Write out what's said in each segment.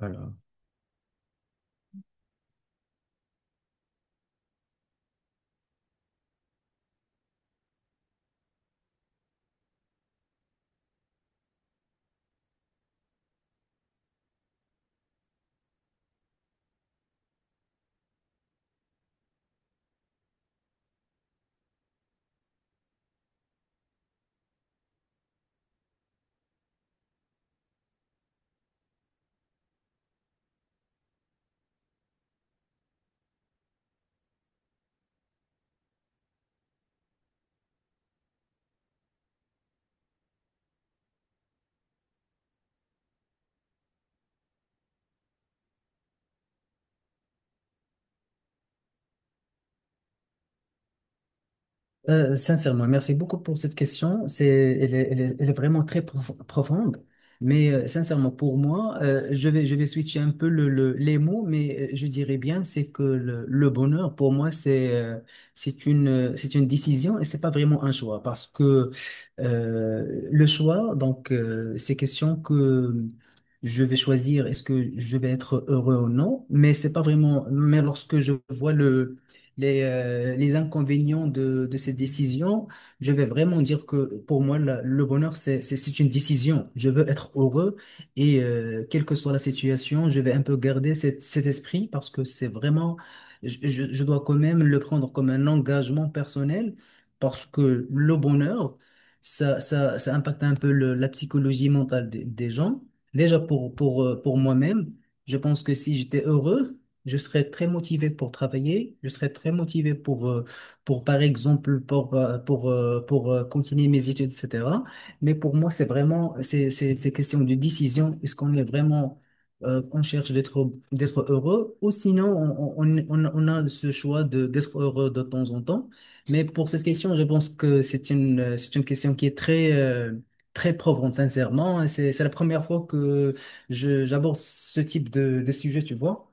Voilà. Sincèrement, merci beaucoup pour cette question. C'est, elle est, elle est- elle est vraiment profonde. Mais sincèrement, pour moi, je vais switcher un peu les mots, mais je dirais bien, c'est que le bonheur, pour moi, c'est c'est une décision et c'est pas vraiment un choix. Parce que le choix, donc, c'est question que je vais choisir, est-ce que je vais être heureux ou non, mais c'est pas vraiment, mais lorsque je vois le les inconvénients de cette décision, je vais vraiment dire que pour moi, le bonheur, c'est une décision. Je veux être heureux et quelle que soit la situation, je vais un peu garder cet esprit parce que c'est vraiment, je dois quand même le prendre comme un engagement personnel, parce que le bonheur, ça impacte un peu la psychologie mentale des gens. Déjà pour moi-même, je pense que si j'étais heureux, je serais très motivé pour travailler, je serais très motivé pour par exemple, continuer mes études, etc. Mais pour moi, c'est vraiment, c'est question de décision. Est-ce qu'on est vraiment, on cherche d'être heureux ou sinon, on a ce choix de, d'être heureux de temps en temps. Mais pour cette question, je pense que c'est c'est une question qui est très, très probante, sincèrement. Et c'est la première fois que j'aborde ce type de sujet, tu vois.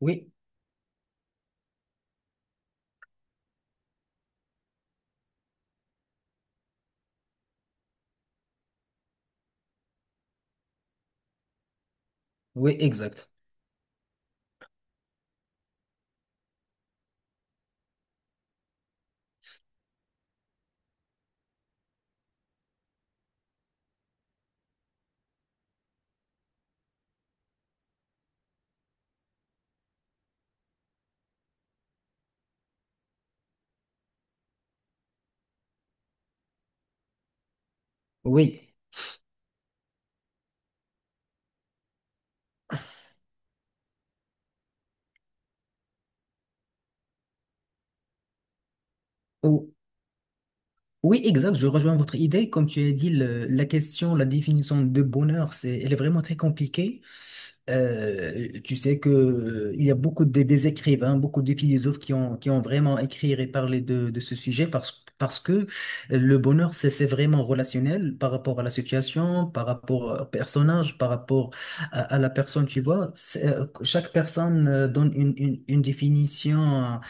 Oui, oui, exact. Oui, Ou- oui, exact. Je rejoins votre idée. Comme tu as dit, la question, la définition de bonheur, c'est, elle est vraiment très compliquée. Tu sais que il y a beaucoup de, des écrivains, beaucoup de philosophes qui ont vraiment écrit et parlé de ce sujet parce que le bonheur, c'est vraiment relationnel par rapport à la situation, par rapport au personnage, par rapport à la personne, tu vois. Chaque personne donne une définition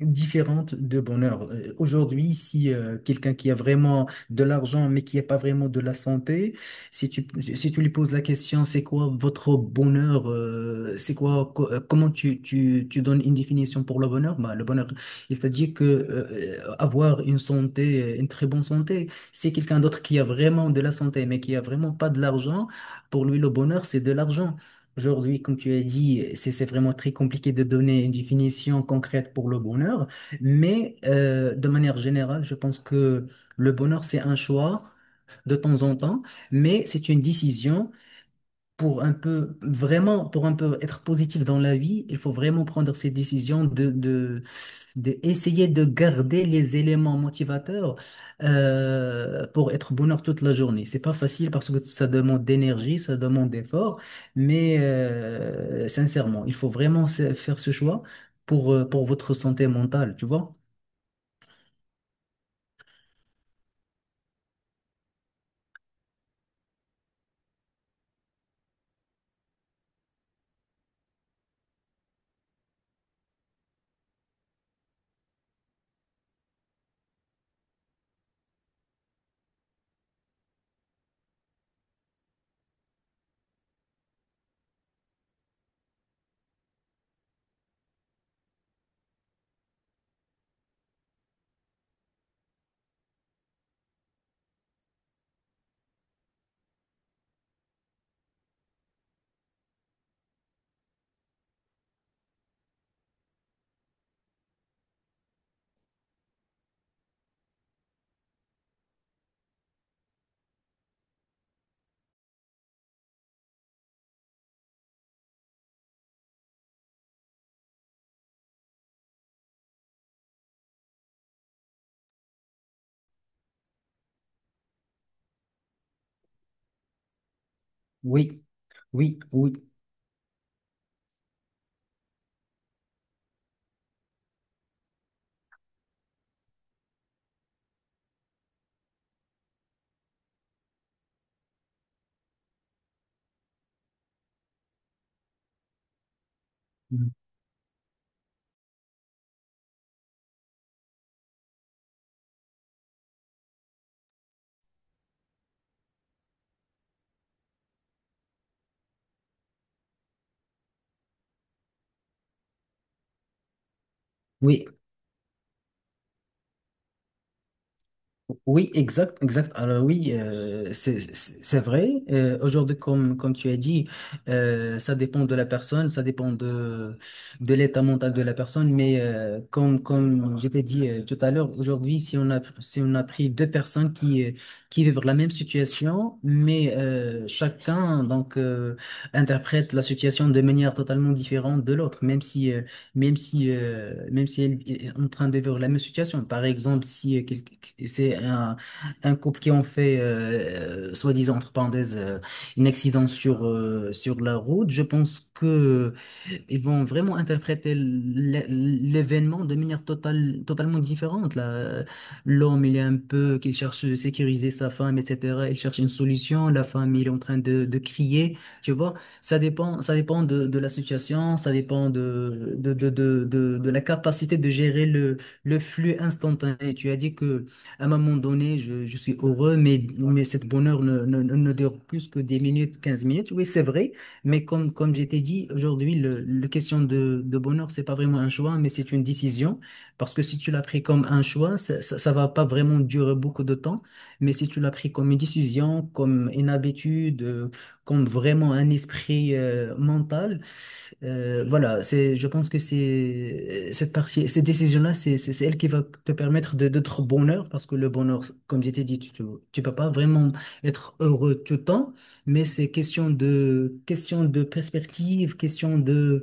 différente de bonheur. Aujourd'hui, si quelqu'un qui a vraiment de l'argent mais qui n'a pas vraiment de la santé, si tu, si tu lui poses la question, c'est quoi votre bonheur, c'est quoi, comment tu donnes une définition pour le bonheur? Bah, le bonheur, il t'a dit que avoir une santé, une très bonne santé, c'est quelqu'un d'autre qui a vraiment de la santé mais qui a vraiment pas de l'argent. Pour lui, le bonheur, c'est de l'argent. Aujourd'hui, comme tu as dit, c'est vraiment très compliqué de donner une définition concrète pour le bonheur, mais de manière générale, je pense que le bonheur, c'est un choix de temps en temps, mais c'est une décision pour un peu, vraiment, pour un peu être positif dans la vie, il faut vraiment prendre ces décisions de d'essayer de garder les éléments motivateurs, pour être bonheur toute la journée. C'est pas facile parce que ça demande d'énergie, ça demande d'effort, mais sincèrement, il faut vraiment faire ce choix pour votre santé mentale, tu vois? Oui, oui, oui. Mm. Oui, oui, exact, exact. Alors oui, c'est vrai. Aujourd'hui, comme tu as dit, ça dépend de la personne, ça dépend de l'état mental de la personne. Mais comme je t'ai dit tout à l'heure, aujourd'hui, si on a pris deux personnes qui vivent la même situation, mais chacun donc interprète la situation de manière totalement différente de l'autre, même si même si elle est en train de vivre la même situation. Par exemple, si c'est un couple qui ont fait, soi-disant, entre parenthèses, un accident sur, sur la route, je pense que ils vont vraiment interpréter l'événement de manière totalement différente. Là, l'homme, il est un peu, qu'il cherche à sécuriser sa femme, etc. Il cherche une solution. La femme, il est en train de crier. Tu vois, ça dépend de la situation, ça dépend de la capacité de gérer le flux instantané. Tu as dit que à un moment donné, je suis heureux, mais cette bonheur ne dure plus que 10 minutes, 15 minutes. Oui, c'est vrai. Mais comme je t'ai dit, aujourd'hui, le question de bonheur, c'est pas vraiment un choix, mais c'est une décision. Parce que si tu l'as pris comme un choix, ça va pas vraiment durer beaucoup de temps. Mais si tu l'as pris comme une décision, comme une habitude, comme vraiment un esprit mental, voilà, c'est, je pense que c'est cette partie, cette décision-là, c'est elle qui va te permettre d'être bonheur, parce que le bonheur, comme je t'ai dit, tu peux pas vraiment être heureux tout le temps, mais c'est question de perspective, question de,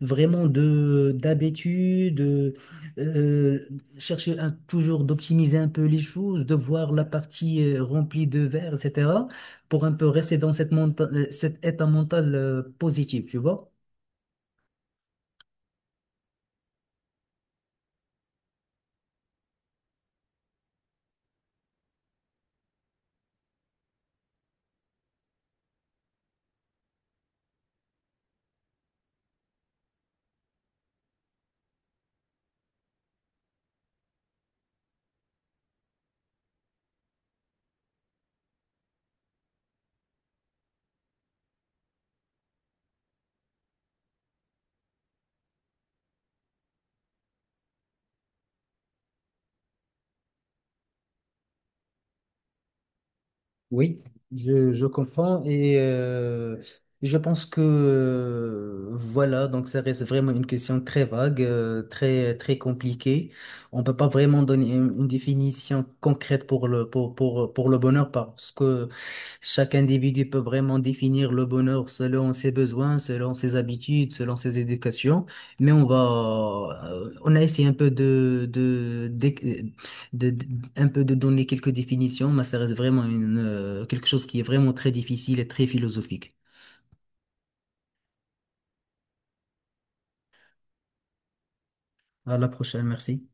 vraiment de, d'habitude, de, euh, chercher à toujours d'optimiser un peu les choses, de voir la partie remplie de verre, etc., pour un peu rester dans cette cet état mental positif, tu vois? Oui, je comprends et je pense que voilà, donc ça reste vraiment une question très vague, très très compliquée. On peut pas vraiment donner une définition concrète pour pour le bonheur parce que chaque individu peut vraiment définir le bonheur selon ses besoins, selon ses habitudes, selon ses éducations. Mais on va on a essayé un peu de, de- un peu de donner quelques définitions, mais ça reste vraiment quelque chose qui est vraiment très difficile et très philosophique. À la prochaine, merci.